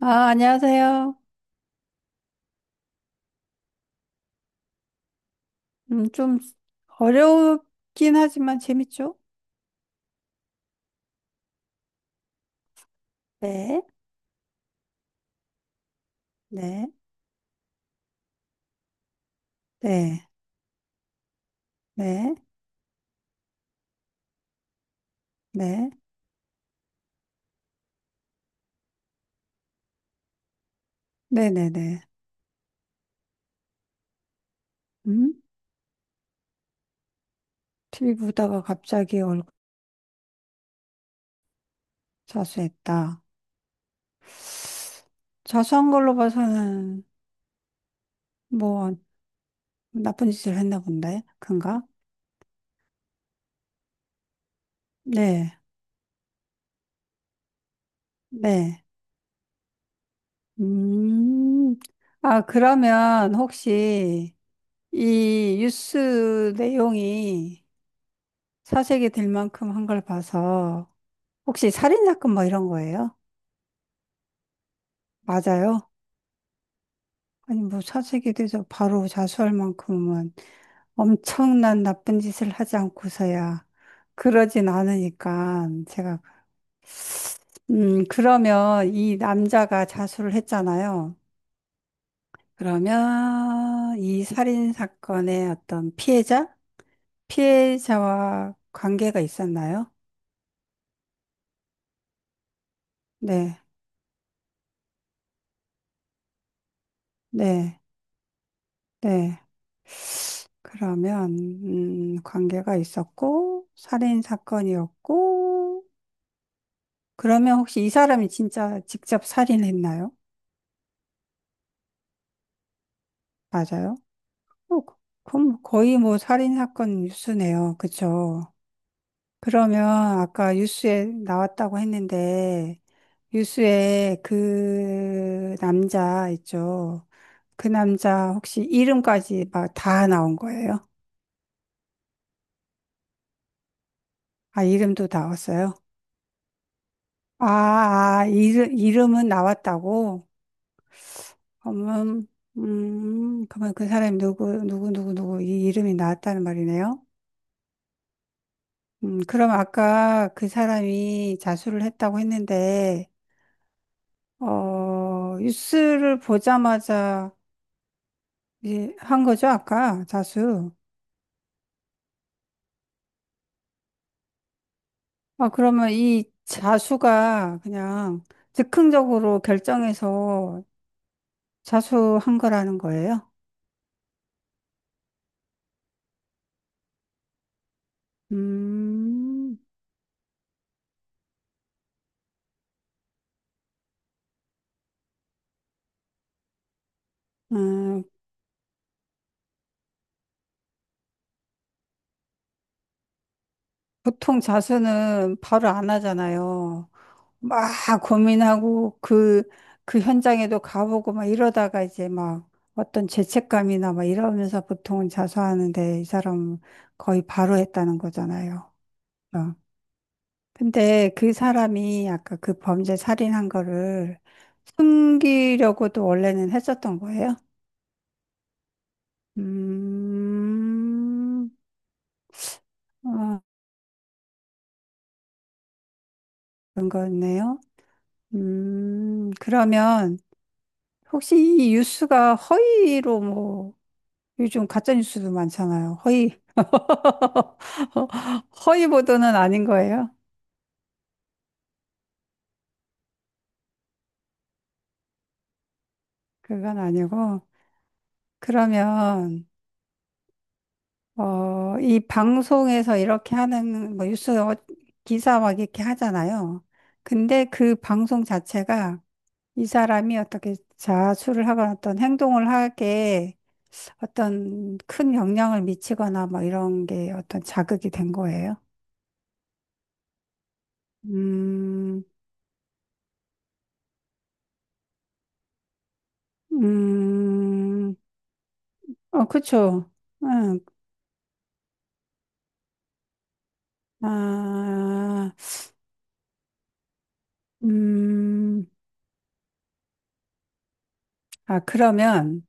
아, 안녕하세요. 좀 어렵긴 하지만 재밌죠? 네, 네, 네, 네, 네, 네네네. 음? TV 보다가 갑자기 얼굴 자수했다. 자수한 걸로 봐서는 뭐 나쁜 짓을 했나 본데, 그런가? 네, 네. 음, 아, 그러면 혹시 이 뉴스 내용이 사색이 될 만큼 한 걸 봐서 혹시 살인사건 뭐 이런 거예요? 맞아요? 아니, 뭐 사색이 돼서 바로 자수할 만큼은 엄청난 나쁜 짓을 하지 않고서야 그러진 않으니까 제가, 그러면 이 남자가 자수를 했잖아요. 그러면 이 살인사건의 어떤 피해자? 피해자와 관계가 있었나요? 네, 네, 네. 그러면, 관계가 있었고, 살인사건이었고, 그러면 혹시 이 사람이 진짜 직접 살인했나요? 맞아요? 어, 그럼 거의 뭐 살인 사건 뉴스네요. 그쵸? 그러면 아까 뉴스에 나왔다고 했는데, 뉴스에 그 남자 있죠? 그 남자 혹시 이름까지 막 다 나온 거예요? 아, 이름도 나왔어요? 아, 아, 이름, 이름은 나왔다고? 그러면, 그러면 그 사람이 누구, 누구, 누구, 누구, 이 이름이 나왔다는 말이네요? 그럼 아까 그 사람이 자수를 했다고 했는데, 어, 뉴스를 보자마자 이제 한 거죠, 아까 자수. 아, 그러면 이 자수가 그냥 즉흥적으로 결정해서 자수한 거라는 거예요? 음, 음, 보통 자수는 바로 안 하잖아요. 막 고민하고 그, 그 현장에도 가보고 막 이러다가 이제 막 어떤 죄책감이나 막 이러면서 보통은 자수하는데 이 사람은 거의 바로 했다는 거잖아요. 어. 근데 그 사람이 아까 그 범죄 살인한 거를 숨기려고도 원래는 했었던 거예요? 음, 아, 그런 거였네요. 그러면 혹시 이 뉴스가 허위로 뭐 요즘 가짜뉴스도 많잖아요. 허위, 허위 보도는 아닌 거예요. 그건 아니고. 그러면, 어, 이 방송에서 이렇게 하는, 뭐, 기사 막 이렇게 하잖아요. 근데 그 방송 자체가 이 사람이 어떻게 자수를 하거나 어떤 행동을 하게 어떤 큰 영향을 미치거나 막 이런 게 어떤 자극이 된 거예요. 음, 음, 어, 그쵸. 응. 아, 음, 아, 그러면,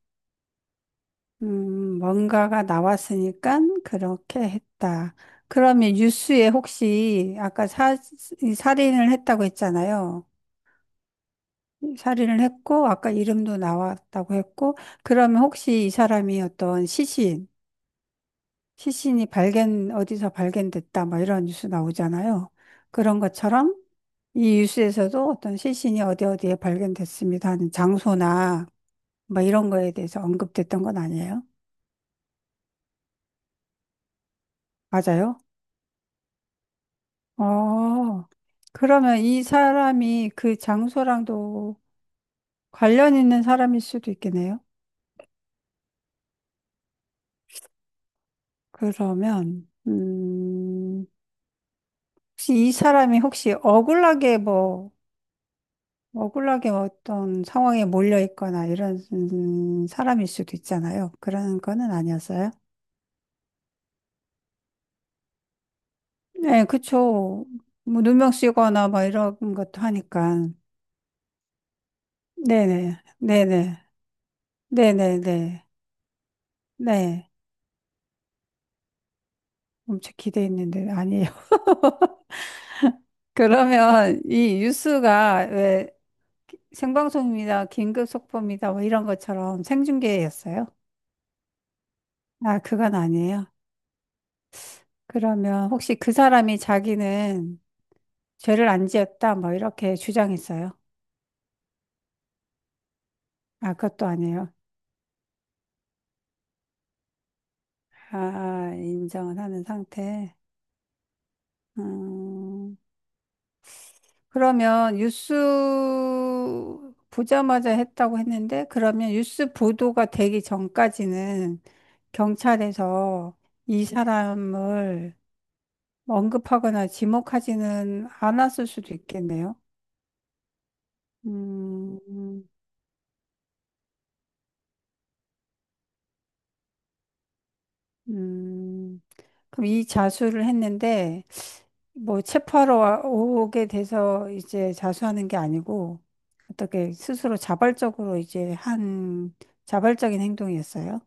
뭔가가 나왔으니까 그렇게 했다. 그러면 뉴스에 혹시 아까 사, 이 살인을 했다고 했잖아요. 살인을 했고, 아까 이름도 나왔다고 했고, 그러면 혹시 이 사람이 시신이 발견, 어디서 발견됐다, 뭐 이런 뉴스 나오잖아요. 그런 것처럼 이 뉴스에서도 어떤 시신이 어디 어디에 발견됐습니다 하는 장소나 뭐 이런 거에 대해서 언급됐던 건 아니에요? 맞아요? 어, 그러면 이 사람이 그 장소랑도 관련 있는 사람일 수도 있겠네요? 그러면, 혹시 이 사람이 혹시 억울하게 뭐, 억울하게 어떤 상황에 몰려 있거나 이런 사람일 수도 있잖아요. 그런 거는 아니었어요? 네, 그쵸. 뭐 누명 쓰거나 막 이런 것도 하니까. 네네, 네네, 네네네. 네. 엄청 기대했는데 아니에요. 그러면 이 뉴스가 왜 생방송입니다, 긴급 속보입니다, 뭐 이런 것처럼 생중계였어요? 아, 그건 아니에요. 그러면 혹시 그 사람이 자기는 죄를 안 지었다, 뭐 이렇게 주장했어요? 아, 그것도 아니에요. 아, 인정을 하는 상태. 음, 그러면 뉴스 보자마자 했다고 했는데, 그러면 뉴스 보도가 되기 전까지는 경찰에서 이 사람을 언급하거나 지목하지는 않았을 수도 있겠네요. 음, 음, 그럼 이 자수를 했는데, 뭐 오게 돼서 이제 자수하는 게 아니고, 어떻게 스스로 자발적으로 이제 한 자발적인 행동이었어요?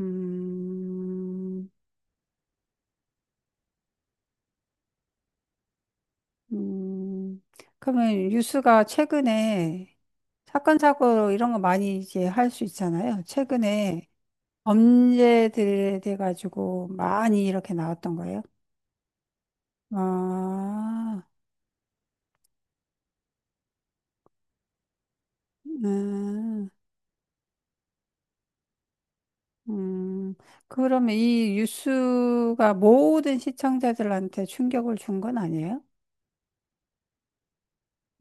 음, 음, 그러면 뉴스가 최근에 사건, 사고 이런 거 많이 이제 할 수 있잖아요. 최근에 범죄들에 대해 가지고 많이 이렇게 나왔던 거예요. 아. 음, 음. 그러면 이 뉴스가 모든 시청자들한테 충격을 준 건 아니에요?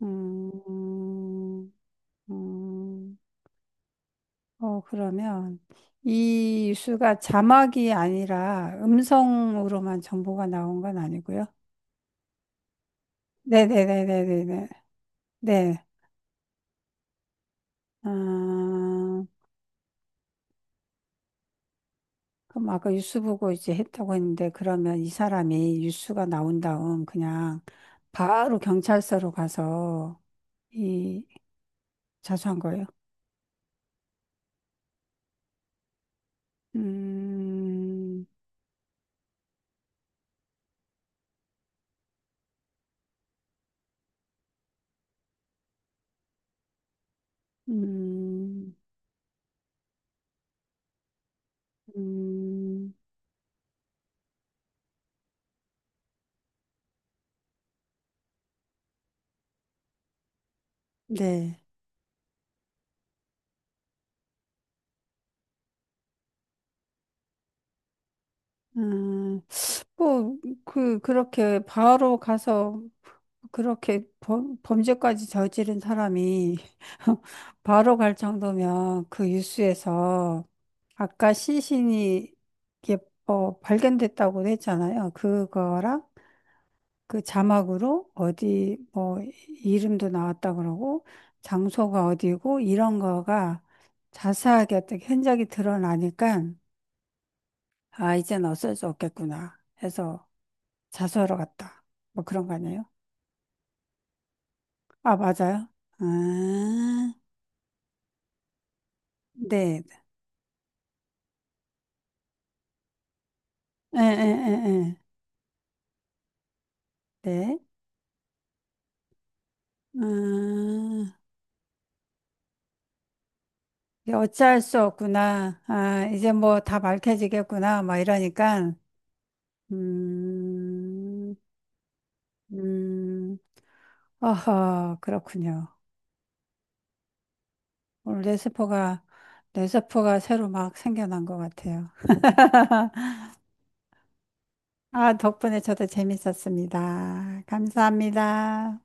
음, 음. 어, 그러면 이 뉴스가 자막이 아니라 음성으로만 정보가 나온 건 아니고요. 네네네네네네. 네. 아, 그럼 아까 뉴스 보고 이제 했다고 했는데 그러면 이 사람이 뉴스가 나온 다음 그냥 바로 경찰서로 가서 이 자수한 거예요. 음, 음, 음, 네. 아, 뭐, 그렇게 바로 가서 그렇게 범죄까지 저지른 사람이 바로 갈 정도면 그 뉴스에서 아까 시신이 이게 뭐 발견됐다고 했잖아요. 그거랑 그 자막으로 어디 뭐 이름도 나왔다 그러고 장소가 어디고 이런 거가 자세하게 어떻게 흔적이 드러나니까 아, 이젠 어쩔 수 없겠구나 해서 자수하러 갔다. 뭐 그런 거 아니에요? 아, 맞아요. 아, 네. 에, 에, 에, 에. 네. 아, 이게 어찌할 수 없구나. 아, 이제 뭐 다 밝혀지겠구나. 막 이러니까. 음, 음, 어허, 그렇군요. 오늘 뇌세포가, 뇌세포가 새로 막 생겨난 것 같아요. 아, 덕분에 저도 재밌었습니다. 감사합니다.